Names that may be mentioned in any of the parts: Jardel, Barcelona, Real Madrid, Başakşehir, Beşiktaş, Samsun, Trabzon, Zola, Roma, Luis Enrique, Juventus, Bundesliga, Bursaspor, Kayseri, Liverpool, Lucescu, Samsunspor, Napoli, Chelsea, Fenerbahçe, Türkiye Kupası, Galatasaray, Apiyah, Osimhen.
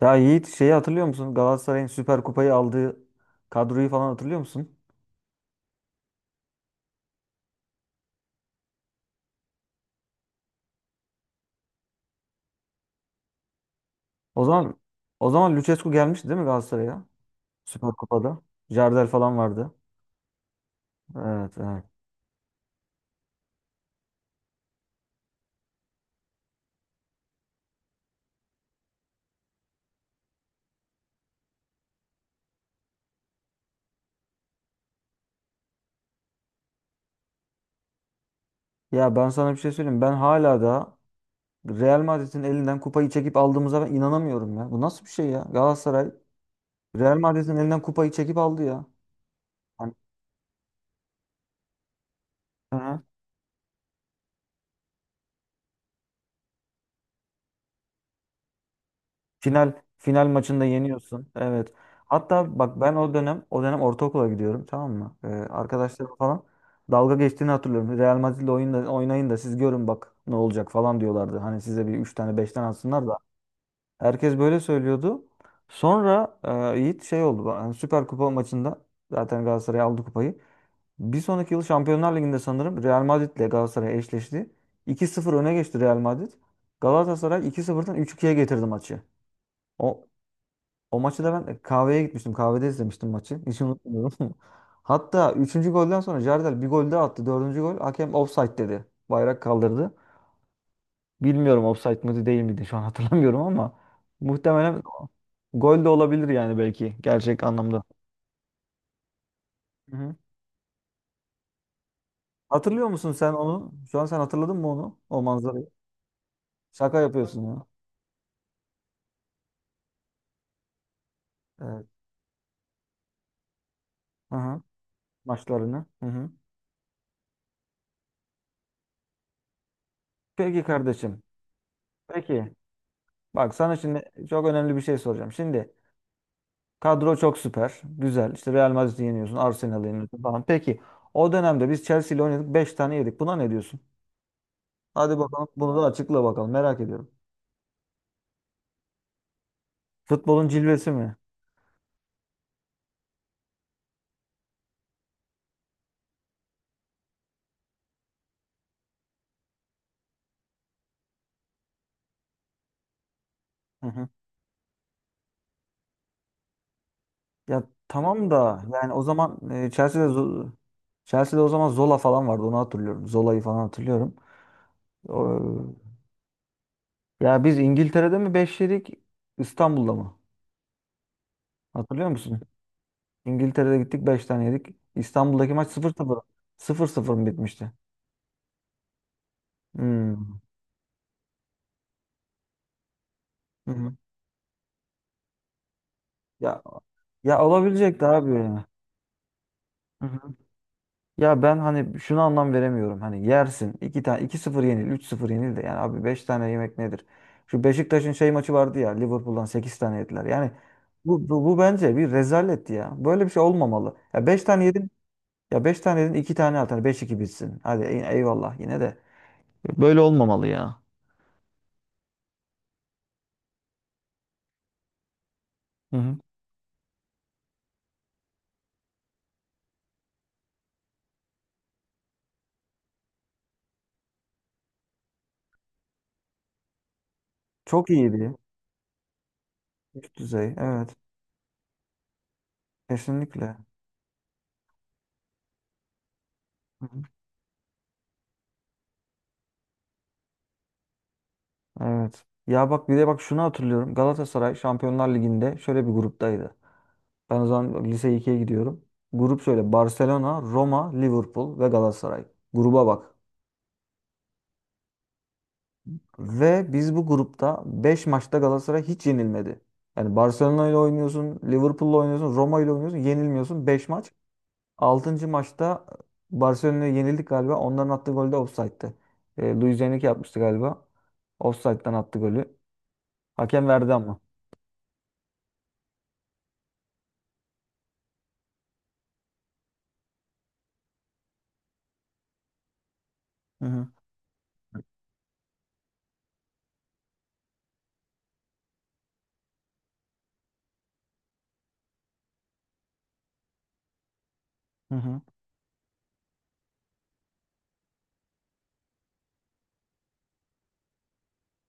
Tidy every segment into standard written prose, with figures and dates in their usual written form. Ya Yiğit şeyi hatırlıyor musun? Galatasaray'ın Süper Kupayı aldığı kadroyu falan hatırlıyor musun? O zaman o zaman Lucescu gelmişti değil mi Galatasaray'a? Süper Kupa'da. Jardel falan vardı. Evet, evet. Ya ben sana bir şey söyleyeyim. Ben hala da Real Madrid'in elinden kupayı çekip aldığımıza ben inanamıyorum ya. Bu nasıl bir şey ya? Galatasaray Real Madrid'in elinden kupayı çekip aldı ya. Hani, hı hı. Final final maçında yeniyorsun. Evet. Hatta bak ben o dönem ortaokula gidiyorum, tamam mı? Arkadaşlarım falan dalga geçtiğini hatırlıyorum. Real Madrid'le oynayın da siz görün bak ne olacak falan diyorlardı. Hani size bir 3 tane 5 tane atsınlar da. Herkes böyle söylüyordu. Sonra Yiğit şey oldu. Yani Süper Kupa maçında zaten Galatasaray aldı kupayı. Bir sonraki yıl Şampiyonlar Ligi'nde sanırım Real Madrid'le Galatasaray eşleşti. 2 sıfır öne geçti Real Madrid. Galatasaray iki sıfırdan 3-2'ye getirdi maçı. O, o maçı da ben kahveye gitmiştim. Kahvede izlemiştim maçı. Hiç unutmuyorum. Hatta üçüncü golden sonra Jardel bir gol daha attı. Dördüncü gol. Hakem offside dedi. Bayrak kaldırdı. Bilmiyorum offside mıydı değil miydi şu an hatırlamıyorum ama muhtemelen gol de olabilir yani, belki gerçek anlamda. Hı hı. Hatırlıyor musun sen onu? Şu an sen hatırladın mı onu? O manzarayı. Şaka yapıyorsun ya. Evet. Hı hı. Maçlarını. Hı hı. Peki kardeşim. Peki. Bak sana şimdi çok önemli bir şey soracağım. Şimdi kadro çok süper. Güzel. İşte Real Madrid'i yeniyorsun. Arsenal'ı yeniyorsun falan. Peki o dönemde biz Chelsea ile oynadık. Beş tane yedik. Buna ne diyorsun? Hadi bakalım. Bunu da açıkla bakalım. Merak ediyorum. Futbolun cilvesi mi? Hı hı. Ya tamam da yani o zaman Chelsea'de o zaman Zola falan vardı. Onu hatırlıyorum. Zola'yı falan hatırlıyorum. O- Ya biz İngiltere'de mi 5 yedik? İstanbul'da mı? Hatırlıyor musun? İngiltere'de gittik 5 tane yedik. İstanbul'daki maç sıfır 0 sıfır sıfır mı bitmişti? Hmm. Hı hı. Ya ya olabilecekti abi ya. Hı hı. Ya ben hani şunu anlam veremiyorum. Hani yersin. İki tane iki sıfır yenil, üç sıfır yenil de yani abi 5 tane yemek nedir? Şu Beşiktaş'ın şey maçı vardı ya, Liverpool'dan 8 tane yediler. Yani bu bence bir rezaletti ya. Böyle bir şey olmamalı. Ya 5 tane yedin. Ya beş tane yedin iki tane at. Hani 5 2 bitsin. Hadi eyvallah yine de. Böyle olmamalı ya. Hı hı. Çok iyiydi. Üst düzey. Evet. Kesinlikle. Evet. Ya bak, bir de bak şunu hatırlıyorum. Galatasaray Şampiyonlar Ligi'nde şöyle bir gruptaydı. Ben o zaman lise 2'ye gidiyorum. Grup şöyle: Barcelona, Roma, Liverpool ve Galatasaray. Gruba bak. Ve biz bu grupta 5 maçta Galatasaray hiç yenilmedi. Yani Barcelona ile oynuyorsun, Liverpool'la oynuyorsun, Roma ile oynuyorsun, yenilmiyorsun. 5 maç. Altıncı maçta Barcelona'ya yenildik galiba. Onların attığı gol de offside'tı. Luis Enrique yapmıştı galiba. Offside'dan attı golü. Hakem verdi ama. Hı hı. Hı hı.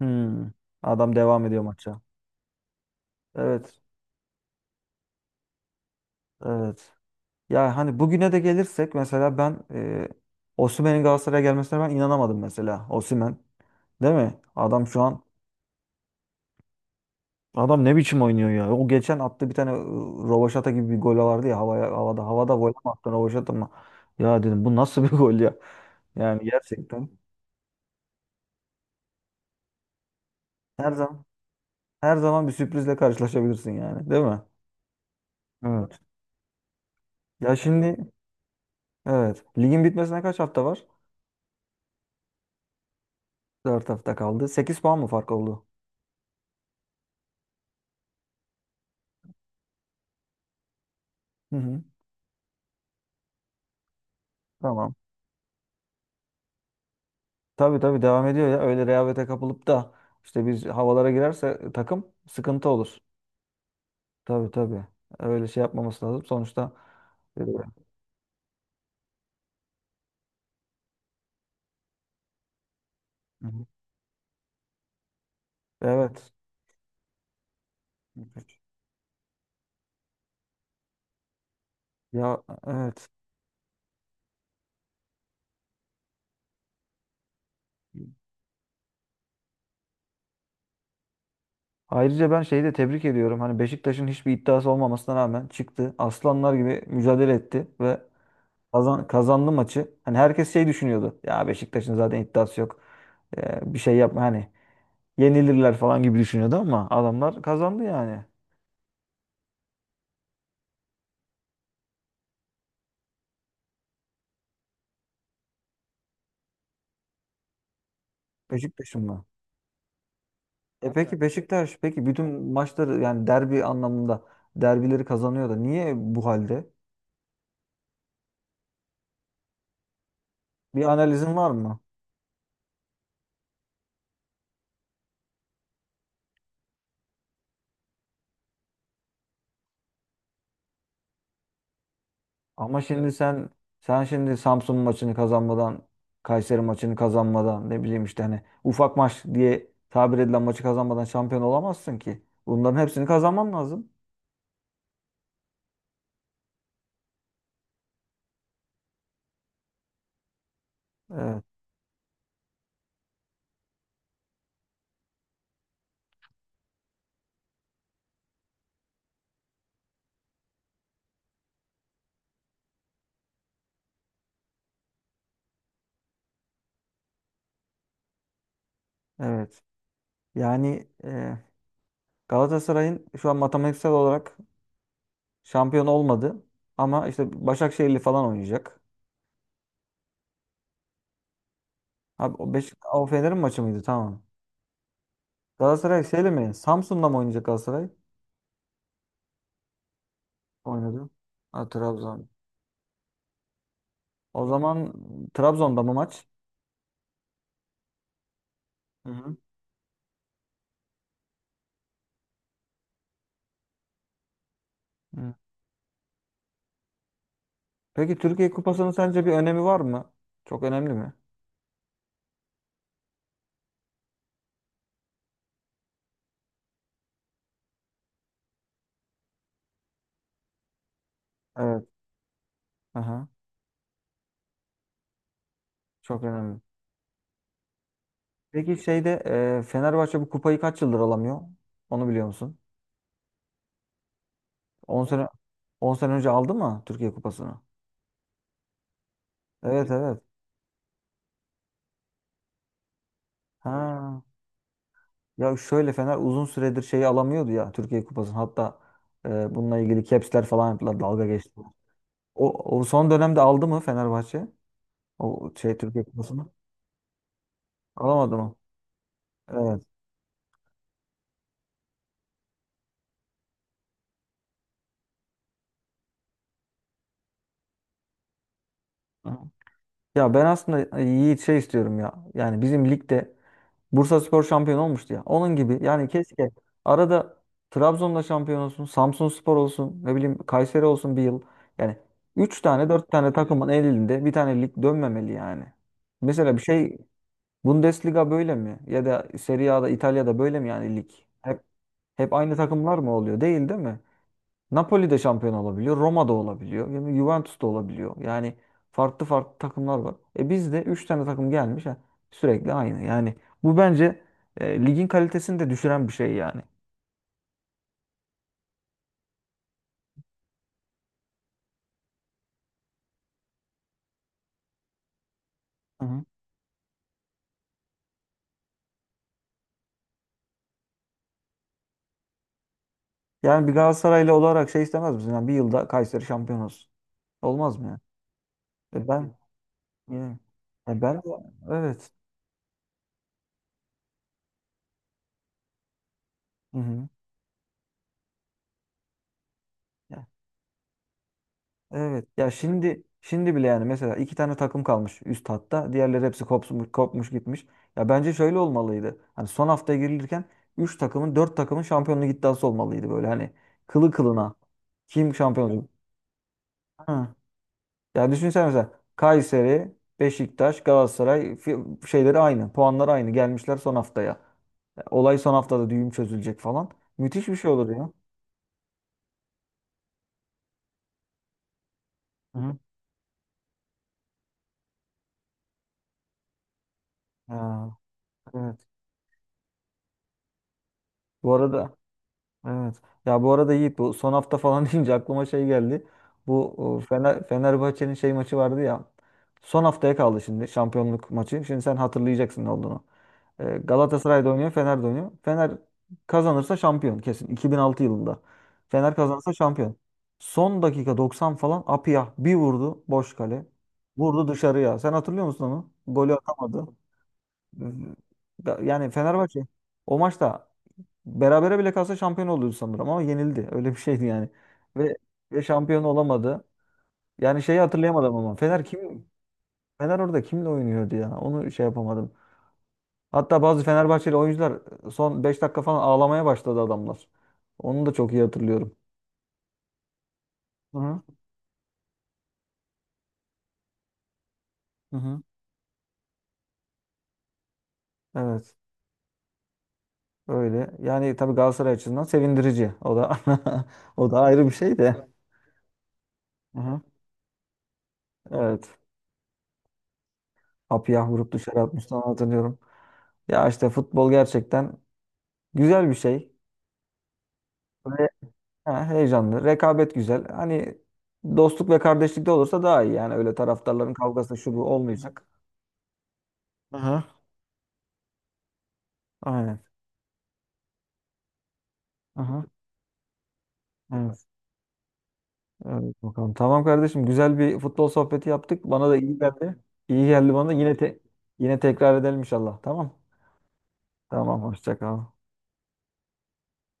Hmm. Adam devam ediyor maça. Evet. Evet. Ya hani bugüne de gelirsek, mesela ben Osimhen'in Galatasaray'a gelmesine ben inanamadım mesela. Osimhen. Değil mi? Adam şu an adam ne biçim oynuyor ya. O geçen attı bir tane rövaşata gibi bir gol vardı ya, havaya havada havada gol mü attı rövaşata mı? Ya dedim bu nasıl bir gol ya? Yani gerçekten her zaman, her zaman bir sürprizle karşılaşabilirsin yani, değil mi? Evet. Ya şimdi, evet. Ligin bitmesine kaç hafta var? 4 hafta kaldı. 8 puan mı fark oldu? Hı hı. Tamam. Tabii tabii devam ediyor ya. Öyle rehavete kapılıp da işte biz havalara girerse takım sıkıntı olur. Tabii tabii. Öyle şey yapmaması lazım. Sonuçta. Hı hı. Evet. Ya evet. Ayrıca ben şeyi de tebrik ediyorum. Hani Beşiktaş'ın hiçbir iddiası olmamasına rağmen çıktı. Aslanlar gibi mücadele etti ve kazandı maçı. Hani herkes şey düşünüyordu. Ya Beşiktaş'ın zaten iddiası yok. Bir şey yapma hani. Yenilirler falan gibi düşünüyordu ama adamlar kazandı yani. Beşiktaş'ın mı? Tabii. Peki bütün maçları, yani derbi anlamında derbileri kazanıyor da niye bu halde? Bir analizin var mı? Ama şimdi sen şimdi Samsun maçını kazanmadan, Kayseri maçını kazanmadan, ne bileyim işte hani ufak maç diye tabir edilen maçı kazanmadan şampiyon olamazsın ki. Bunların hepsini kazanman lazım. Evet. Evet. Yani Galatasaray'ın şu an matematiksel olarak şampiyon olmadı. Ama işte Başakşehir'li falan oynayacak. Abi o, Beş o Fener'in maçı mıydı? Tamam. Galatasaray şeyle mi? Samsun'da mı oynayacak Galatasaray? Oynadı. Ha, Trabzon. O zaman Trabzon'da mı maç? Hı hı. Hı. Peki Türkiye Kupası'nın sence bir önemi var mı? Çok önemli mi? Evet. Aha, çok önemli. Peki şeyde Fenerbahçe bu kupayı kaç yıldır alamıyor? Onu biliyor musun? 10 sene 10 sene önce aldı mı Türkiye Kupası'nı? Evet, evet. Ha. Ya şöyle, Fener uzun süredir şeyi alamıyordu ya, Türkiye Kupası'nı. Hatta bununla ilgili caps'ler falan yaptılar. Dalga geçtiler. O son dönemde aldı mı Fenerbahçe? O şey Türkiye Kupası'nı. Alamadı mı? Evet. Hı. Ya ben aslında Yiğit şey istiyorum ya. Yani bizim ligde Bursaspor şampiyon olmuştu ya. Onun gibi yani, keşke arada Trabzon'da şampiyon olsun, Samsunspor olsun, ne bileyim Kayseri olsun bir yıl. Yani üç tane 4 tane takımın elinde bir tane lig dönmemeli yani. Mesela bir şey, Bundesliga böyle mi? Ya da Serie A'da, İtalya'da böyle mi yani lig? Hep hep aynı takımlar mı oluyor? Değil, değil mi? Napoli de şampiyon olabiliyor, Roma da olabiliyor, yani Juventus da olabiliyor. Yani farklı farklı takımlar var. E bizde 3 tane takım gelmiş ha, sürekli aynı. Yani bu bence ligin kalitesini de düşüren bir şey yani. Hı hı. Yani bir Galatasaraylı olarak şey istemez misin? Yani bir yılda Kayseri şampiyon olsun. Olmaz mı yani? E ben yani, yani ben evet. Hı hı. Evet. Ya şimdi bile yani, mesela iki tane takım kalmış üst hatta. Diğerleri hepsi kopmuş, kopmuş gitmiş. Ya bence şöyle olmalıydı. Hani son hafta girilirken üç takımın, dört takımın şampiyonluk iddiası olmalıydı, böyle hani kılı kılına. Kim şampiyon olacak? Ha. Ya düşünsene, mesela Kayseri, Beşiktaş, Galatasaray şeyleri aynı. Puanlar aynı. Gelmişler son haftaya. Ya olay son haftada düğüm çözülecek falan. Müthiş bir şey olur ya. Hı hı. Ha, evet. Bu arada. Evet. Ya bu arada Yiğit, bu son hafta falan deyince aklıma şey geldi. Bu Fenerbahçe'nin şey maçı vardı ya. Son haftaya kaldı şimdi şampiyonluk maçı. Şimdi sen hatırlayacaksın ne olduğunu. Galatasaray'da oynuyor, Fener'de oynuyor. Fener kazanırsa şampiyon kesin. 2006 yılında. Fener kazanırsa şampiyon. Son dakika 90 falan, Apiyah bir vurdu boş kale. Vurdu dışarıya. Sen hatırlıyor musun onu? Golü atamadı. Yani Fenerbahçe o maçta berabere bile kalsa şampiyon oluyordu sanırım ama yenildi. Öyle bir şeydi yani. Ve ve şampiyon olamadı. Yani şeyi hatırlayamadım ama Fener orada kimle oynuyordu ya? Onu şey yapamadım. Hatta bazı Fenerbahçeli oyuncular son 5 dakika falan ağlamaya başladı adamlar. Onu da çok iyi hatırlıyorum. Hı hı. Hı hı. Evet. Öyle. Yani tabii Galatasaray açısından sevindirici. O da o da ayrı bir şey de. Hı hı. Evet. Papiyah vurup dışarı atmıştı, onu hatırlıyorum. Ya işte futbol gerçekten güzel bir şey. Ha, heyecanlı. Rekabet güzel. Hani dostluk ve kardeşlikte olursa daha iyi. Yani öyle taraftarların kavgası şu bu olmayacak. Aha. Aynen. Aha. Evet. Evet bakalım. Tamam kardeşim. Güzel bir futbol sohbeti yaptık. Bana da iyi geldi. İyi geldi bana. Yine yine tekrar edelim inşallah. Tamam. Tamam. Hoşça kal.